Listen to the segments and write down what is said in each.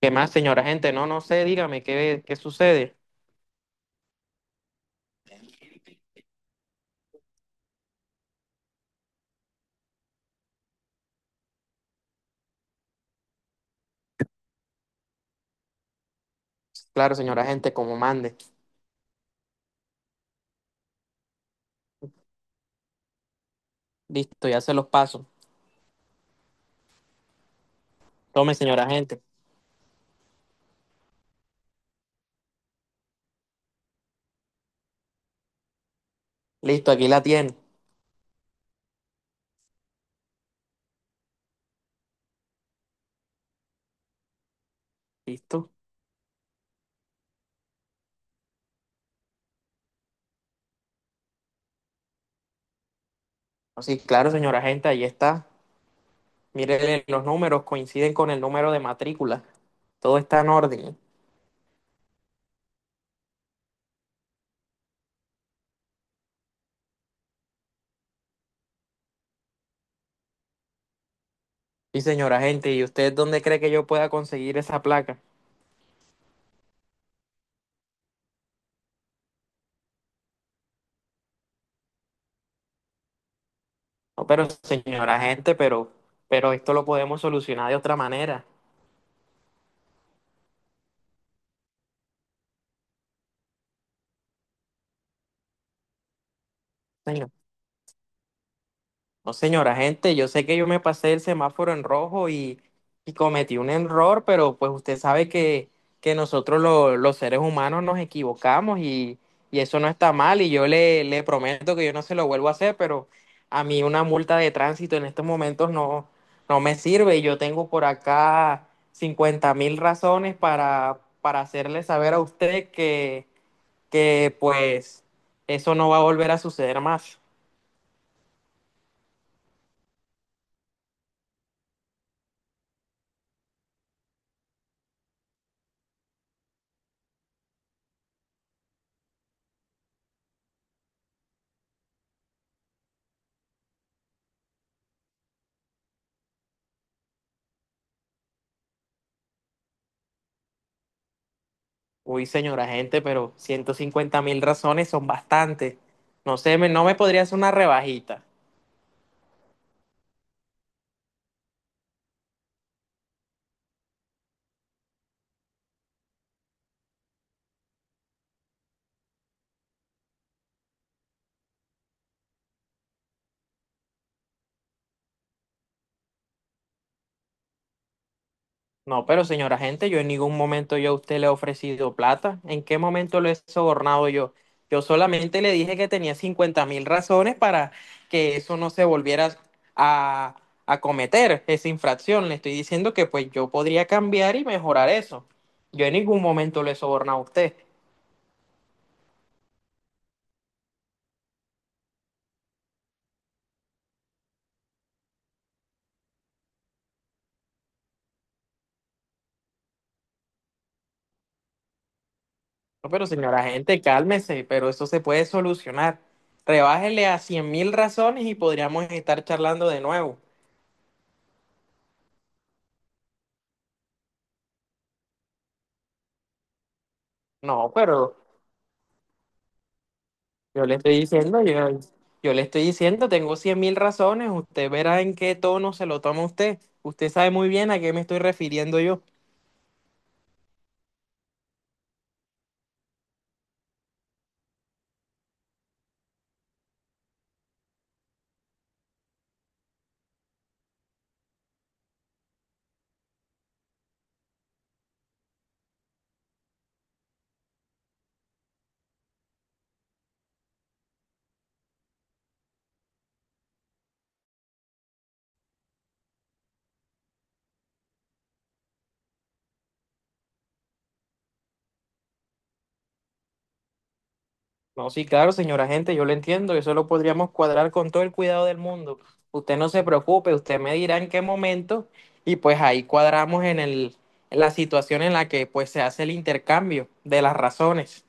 ¿Qué más, señora gente? No, no sé, dígame, ¿qué sucede? Claro, señora gente, como mande. Listo, ya se los paso. Tome, señora gente. Listo, aquí la tiene. ¿Listo? Oh, sí, claro, señora gente, ahí está. Mírele, los números coinciden con el número de matrícula. Todo está en orden. Sí, señora gente, ¿y usted dónde cree que yo pueda conseguir esa placa? No, pero señora gente, pero esto lo podemos solucionar de otra manera. Señora No, señora, gente, yo sé que yo me pasé el semáforo en rojo y cometí un error, pero pues usted sabe que nosotros los seres humanos nos equivocamos y eso no está mal y yo le prometo que yo no se lo vuelvo a hacer, pero a mí una multa de tránsito en estos momentos no me sirve y yo tengo por acá 50.000 razones para hacerle saber a usted que pues eso no va a volver a suceder más. Uy, señora gente, pero 150.000 razones son bastantes. No sé, no me podría hacer una rebajita. No, pero señora gente, yo en ningún momento yo a usted le he ofrecido plata. ¿En qué momento lo he sobornado yo? Yo solamente le dije que tenía 50.000 razones para que eso no se volviera a, a cometer, esa infracción. Le estoy diciendo que pues yo podría cambiar y mejorar eso. Yo en ningún momento le he sobornado a usted. No, pero señora gente, cálmese, pero eso se puede solucionar. Rebájele a 100.000 razones y podríamos estar charlando de nuevo. No, pero yo le estoy diciendo, yo le estoy diciendo, tengo 100.000 razones, usted verá en qué tono se lo toma usted. Usted sabe muy bien a qué me estoy refiriendo yo. No, sí, claro, señora gente, yo lo entiendo, eso lo podríamos cuadrar con todo el cuidado del mundo. Usted no se preocupe, usted me dirá en qué momento y pues ahí cuadramos en la situación en la que pues se hace el intercambio de las razones.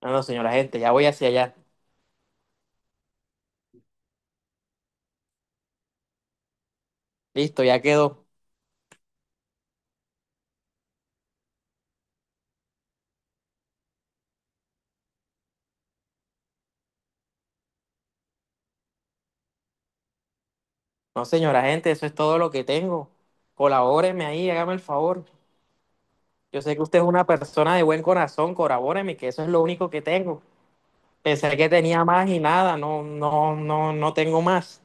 No, no, señora gente, ya voy hacia allá. Listo, ya quedó. No, señora gente, eso es todo lo que tengo. Colabóreme ahí, hágame el favor. Yo sé que usted es una persona de buen corazón, colabóreme, que eso es lo único que tengo. Pensé que tenía más y nada, no, no, no, no tengo más.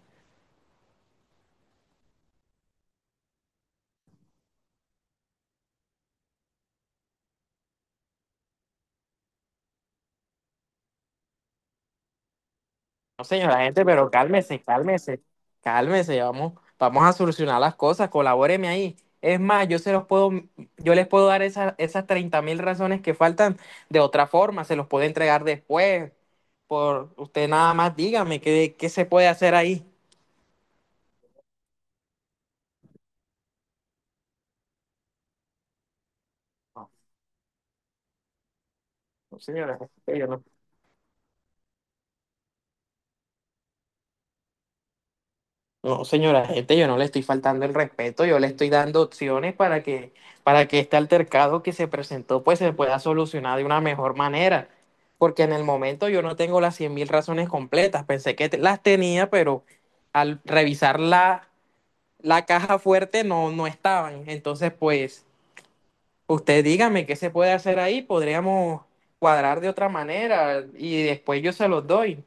No, señora gente, pero cálmese, cálmese, cálmese, vamos, vamos a solucionar las cosas, colabóreme ahí. Es más, yo se los puedo, yo les puedo dar esas 30.000 razones que faltan de otra forma, se los puedo entregar después. Por usted nada más dígame qué se puede hacer ahí. No, señora, yo no No, señora gente, yo no le estoy faltando el respeto, yo le estoy dando opciones para que este altercado que se presentó pues se pueda solucionar de una mejor manera. Porque en el momento yo no tengo las 100.000 razones completas, pensé que las tenía, pero al revisar la caja fuerte no estaban. Entonces, pues, usted dígame qué se puede hacer ahí, podríamos cuadrar de otra manera y después yo se los doy.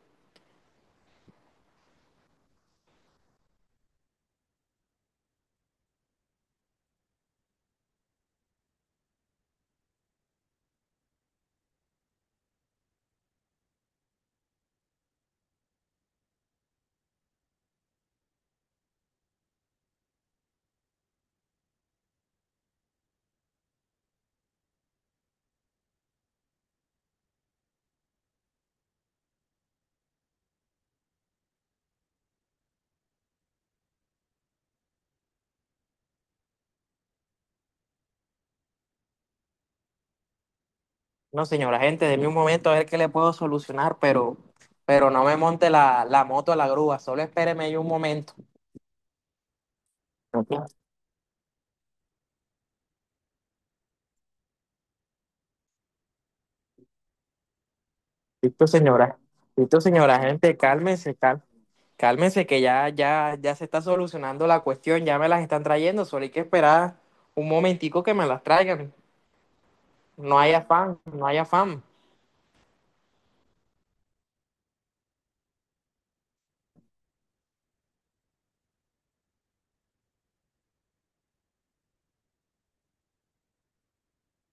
No, señora, gente, de un momento a ver qué le puedo solucionar, pero no me monte la moto a la grúa, solo espéreme ahí un momento. Ok. Listo, señora. Listo, señora, gente, cálmese, cálmese, que ya, ya, ya se está solucionando la cuestión, ya me las están trayendo, solo hay que esperar un momentico que me las traigan. No hay afán, no hay afán.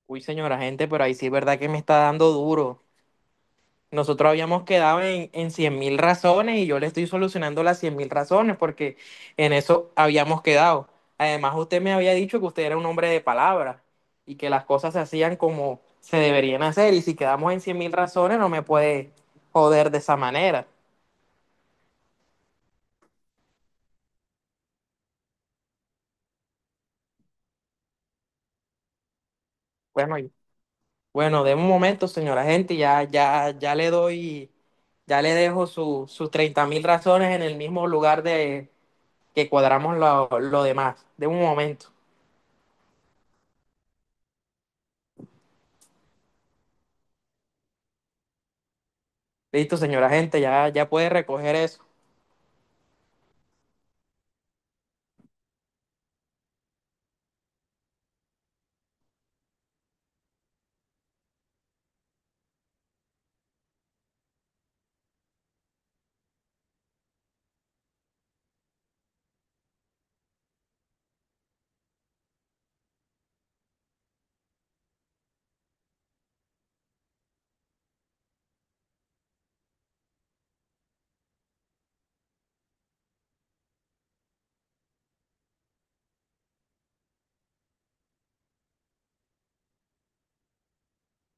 Uy, señora, gente, pero ahí sí es verdad que me está dando duro. Nosotros habíamos quedado en 100.000 razones y yo le estoy solucionando las 100.000 razones porque en eso habíamos quedado. Además, usted me había dicho que usted era un hombre de palabra y que las cosas se hacían como se deberían hacer y si quedamos en 100.000 razones no me puede joder de esa manera. Bueno, bueno, de un momento, señora gente, ya, ya, ya le doy, ya le dejo sus 30.000 razones en el mismo lugar de que cuadramos lo demás. De un momento. Listo, señora gente, ya puede recoger eso.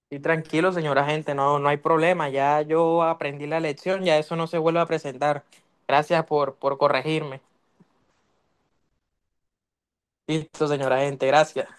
Y tranquilo, señora gente, no hay problema. Ya yo aprendí la lección, ya eso no se vuelve a presentar. Gracias por corregirme. Listo, señora gente, gracias.